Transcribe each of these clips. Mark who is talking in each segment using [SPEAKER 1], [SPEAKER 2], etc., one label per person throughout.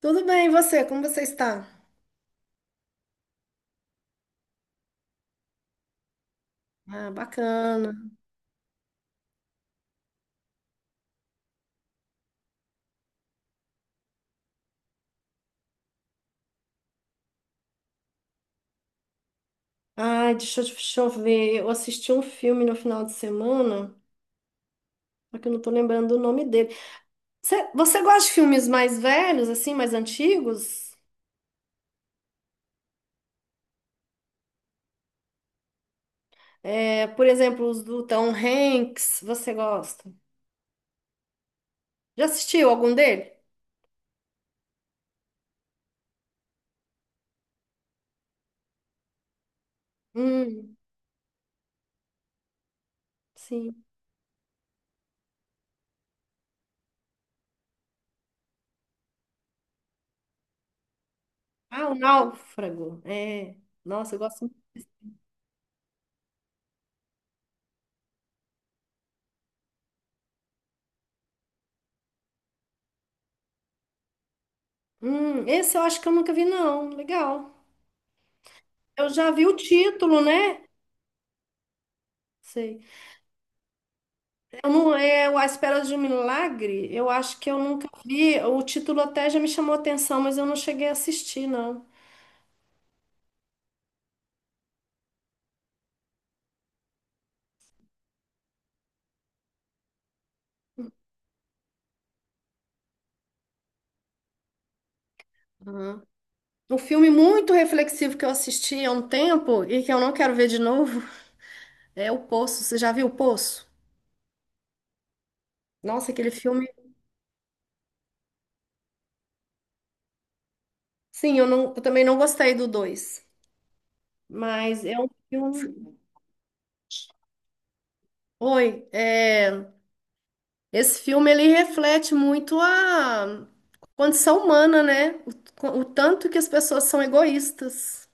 [SPEAKER 1] Tudo bem, e você? Como você está? Ah, bacana. Ai, deixa eu ver. Eu assisti um filme no final de semana, só que eu não tô lembrando o nome dele. Você gosta de filmes mais velhos, assim, mais antigos? É, por exemplo, os do Tom Hanks, você gosta? Já assistiu algum dele? Hum, sim. Ah, O Náufrago. É. Nossa, eu gosto. Esse eu acho que eu nunca vi, não. Legal. Eu já vi o título, né? Sei. Eu não, eu, à espera de um milagre, eu acho que eu nunca vi. O título até já me chamou atenção, mas eu não cheguei a assistir, não. Aham. Um filme muito reflexivo que eu assisti há um tempo e que eu não quero ver de novo é O Poço. Você já viu O Poço? Nossa, aquele filme. Sim, eu, não, eu também não gostei do dois, mas é um filme. Oi, é, esse filme ele reflete muito a condição humana, né? O tanto que as pessoas são egoístas.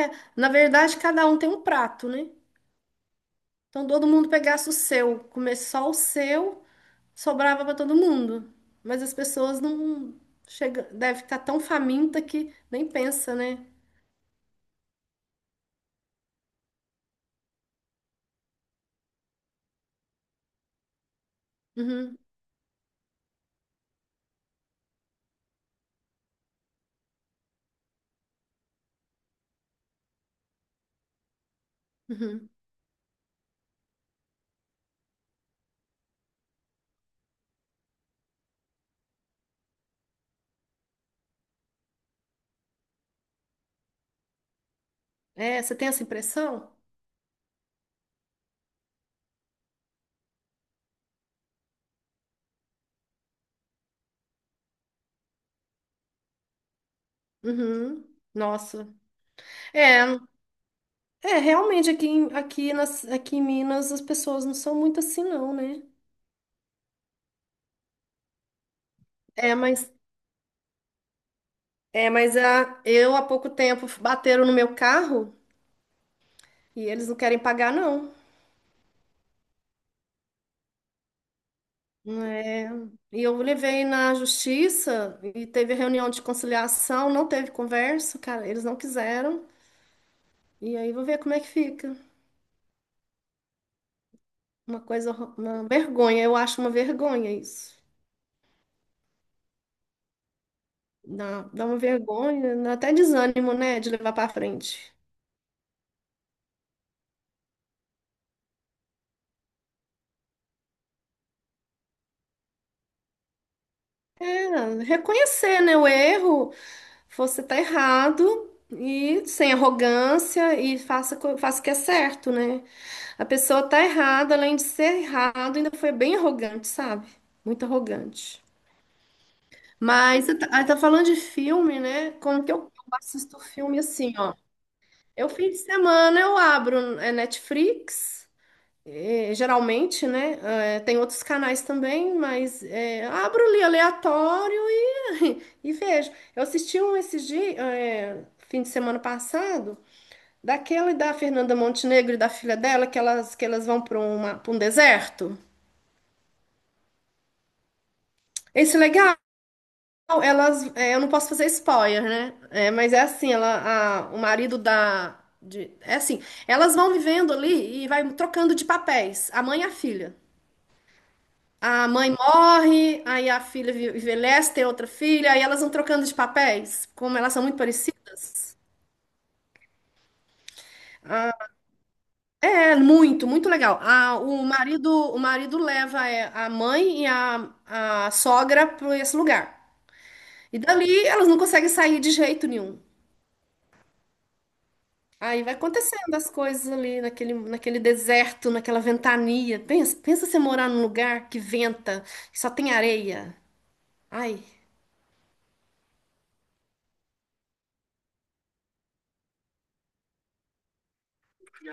[SPEAKER 1] É, na verdade, cada um tem um prato, né? Então todo mundo pegasse o seu, comer só o seu, sobrava para todo mundo. Mas as pessoas não chega, deve estar tão faminta que nem pensa, né? Uhum, uhum. É, você tem essa impressão? Uhum. Nossa. É, é, realmente aqui em Minas as pessoas não são muito assim, não, né? É, mas mas eu há pouco tempo bateram no meu carro e eles não querem pagar, não. É, e eu levei na justiça e teve reunião de conciliação, não teve conversa, cara, eles não quiseram. E aí vou ver como é que fica. Uma coisa, uma vergonha, eu acho uma vergonha isso. Dá uma vergonha, dá até desânimo, né, de levar para frente. É, reconhecer, né, o erro, você tá errado e sem arrogância e faça, faça o que é certo, né? A pessoa tá errada, além de ser errado, ainda foi bem arrogante, sabe? Muito arrogante. Mas você tá falando de filme, né? Como que eu assisto filme assim, ó? Eu fim de semana eu abro Netflix, geralmente, né? Tem outros canais também, mas abro ali aleatório e vejo. Eu assisti um esses dias, fim de semana passado, daquele da Fernanda Montenegro e da filha dela, que elas vão para um deserto. Esse legal, eu não posso fazer spoiler, né? É, mas é assim, ela, o marido da, é assim, elas vão vivendo ali e vai trocando de papéis, a mãe e a filha. A mãe morre, aí a filha envelhece, tem outra filha, aí elas vão trocando de papéis, como elas são muito parecidas. Ah, é muito, muito legal. Ah, o marido leva a mãe e a sogra para esse lugar. E dali elas não conseguem sair de jeito nenhum. Aí vai acontecendo as coisas ali naquele deserto, naquela ventania. Pensa, pensa você morar num lugar que venta, que só tem areia. Ai,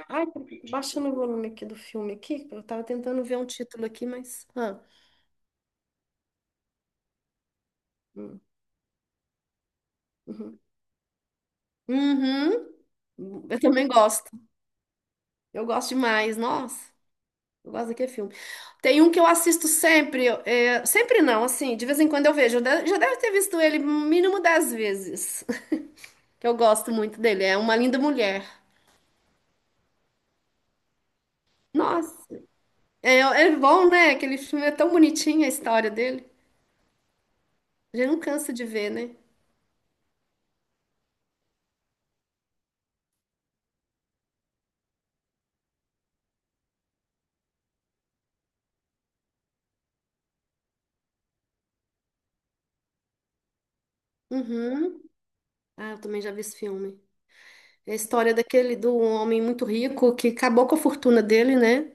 [SPEAKER 1] ai, baixando o volume aqui do filme aqui, eu tava tentando ver um título aqui, mas. Hum, uhum. Uhum. Eu também gosto. Eu gosto demais, nossa. Eu gosto daquele filme. Tem um que eu assisto sempre, sempre não, assim, de vez em quando eu vejo. Eu já deve ter visto ele mínimo 10 vezes, que eu gosto muito dele. É Uma Linda Mulher. Nossa, é bom, né? Aquele filme é tão bonitinho a história dele. A gente não cansa de ver, né? Uhum. Ah, eu também já vi esse filme. É a história daquele do homem muito rico que acabou com a fortuna dele, né?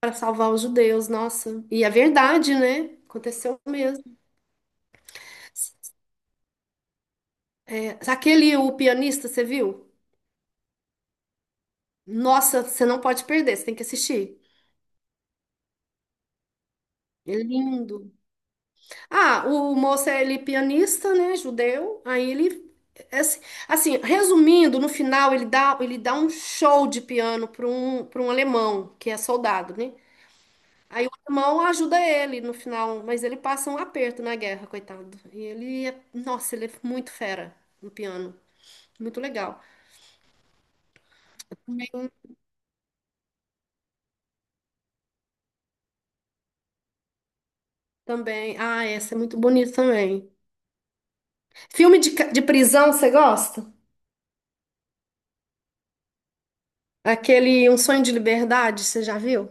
[SPEAKER 1] Para salvar os judeus, nossa. E é verdade, né? Aconteceu mesmo. É, aquele, o pianista, você viu? Nossa, você não pode perder, você tem que assistir. É lindo. Ah, o moço é ele é pianista, né, judeu. Aí ele é assim, resumindo, no final ele dá um show de piano para um alemão que é soldado, né? Aí o alemão ajuda ele no final, mas ele passa um aperto na guerra, coitado. E ele é, nossa, ele é muito fera no piano, muito legal. Também, também. Ah, essa é muito bonita também. Filme de prisão, você gosta? Aquele Um Sonho de Liberdade, você já viu?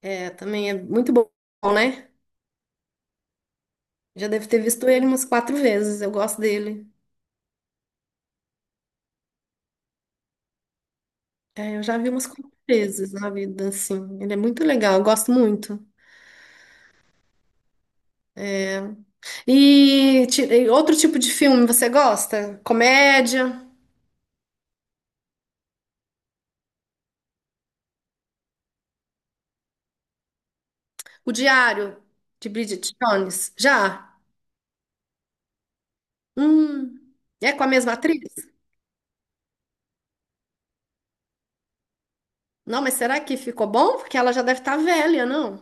[SPEAKER 1] É, também é muito bom, né? Já deve ter visto ele umas quatro vezes. Eu gosto dele. É, eu já vi umas quatro vezes na vida, assim. Ele é muito legal, eu gosto muito. É, e outro tipo de filme você gosta? Comédia? O Diário de Bridget Jones? Já? Hum. É com a mesma atriz? Não, mas será que ficou bom? Porque ela já deve estar velha, não?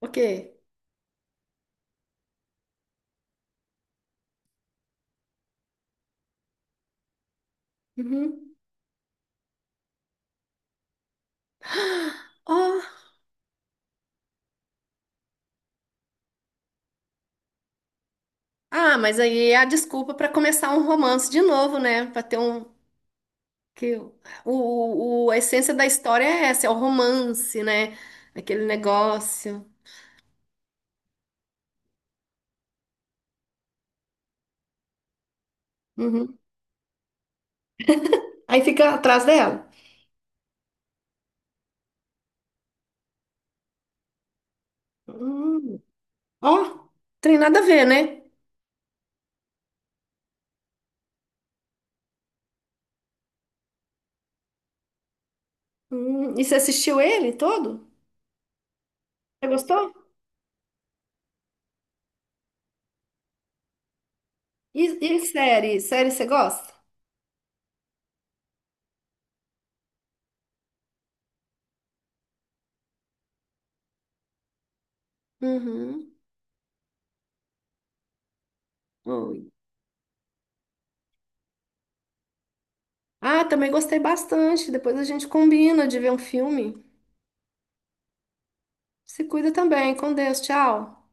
[SPEAKER 1] Ok. Uhum. Oh. Ah, mas aí é a desculpa para começar um romance de novo, né? Para ter um. Que o- a essência da história é essa, é o romance, né? Aquele negócio. Uhum. Aí fica atrás dela. Hum, Ó, tem nada a ver, né? E você assistiu ele todo? Você gostou? E, e série? Série você gosta? Uhum. Oi. Ah, também gostei bastante. Depois a gente combina de ver um filme. Se cuida também. Com Deus. Tchau.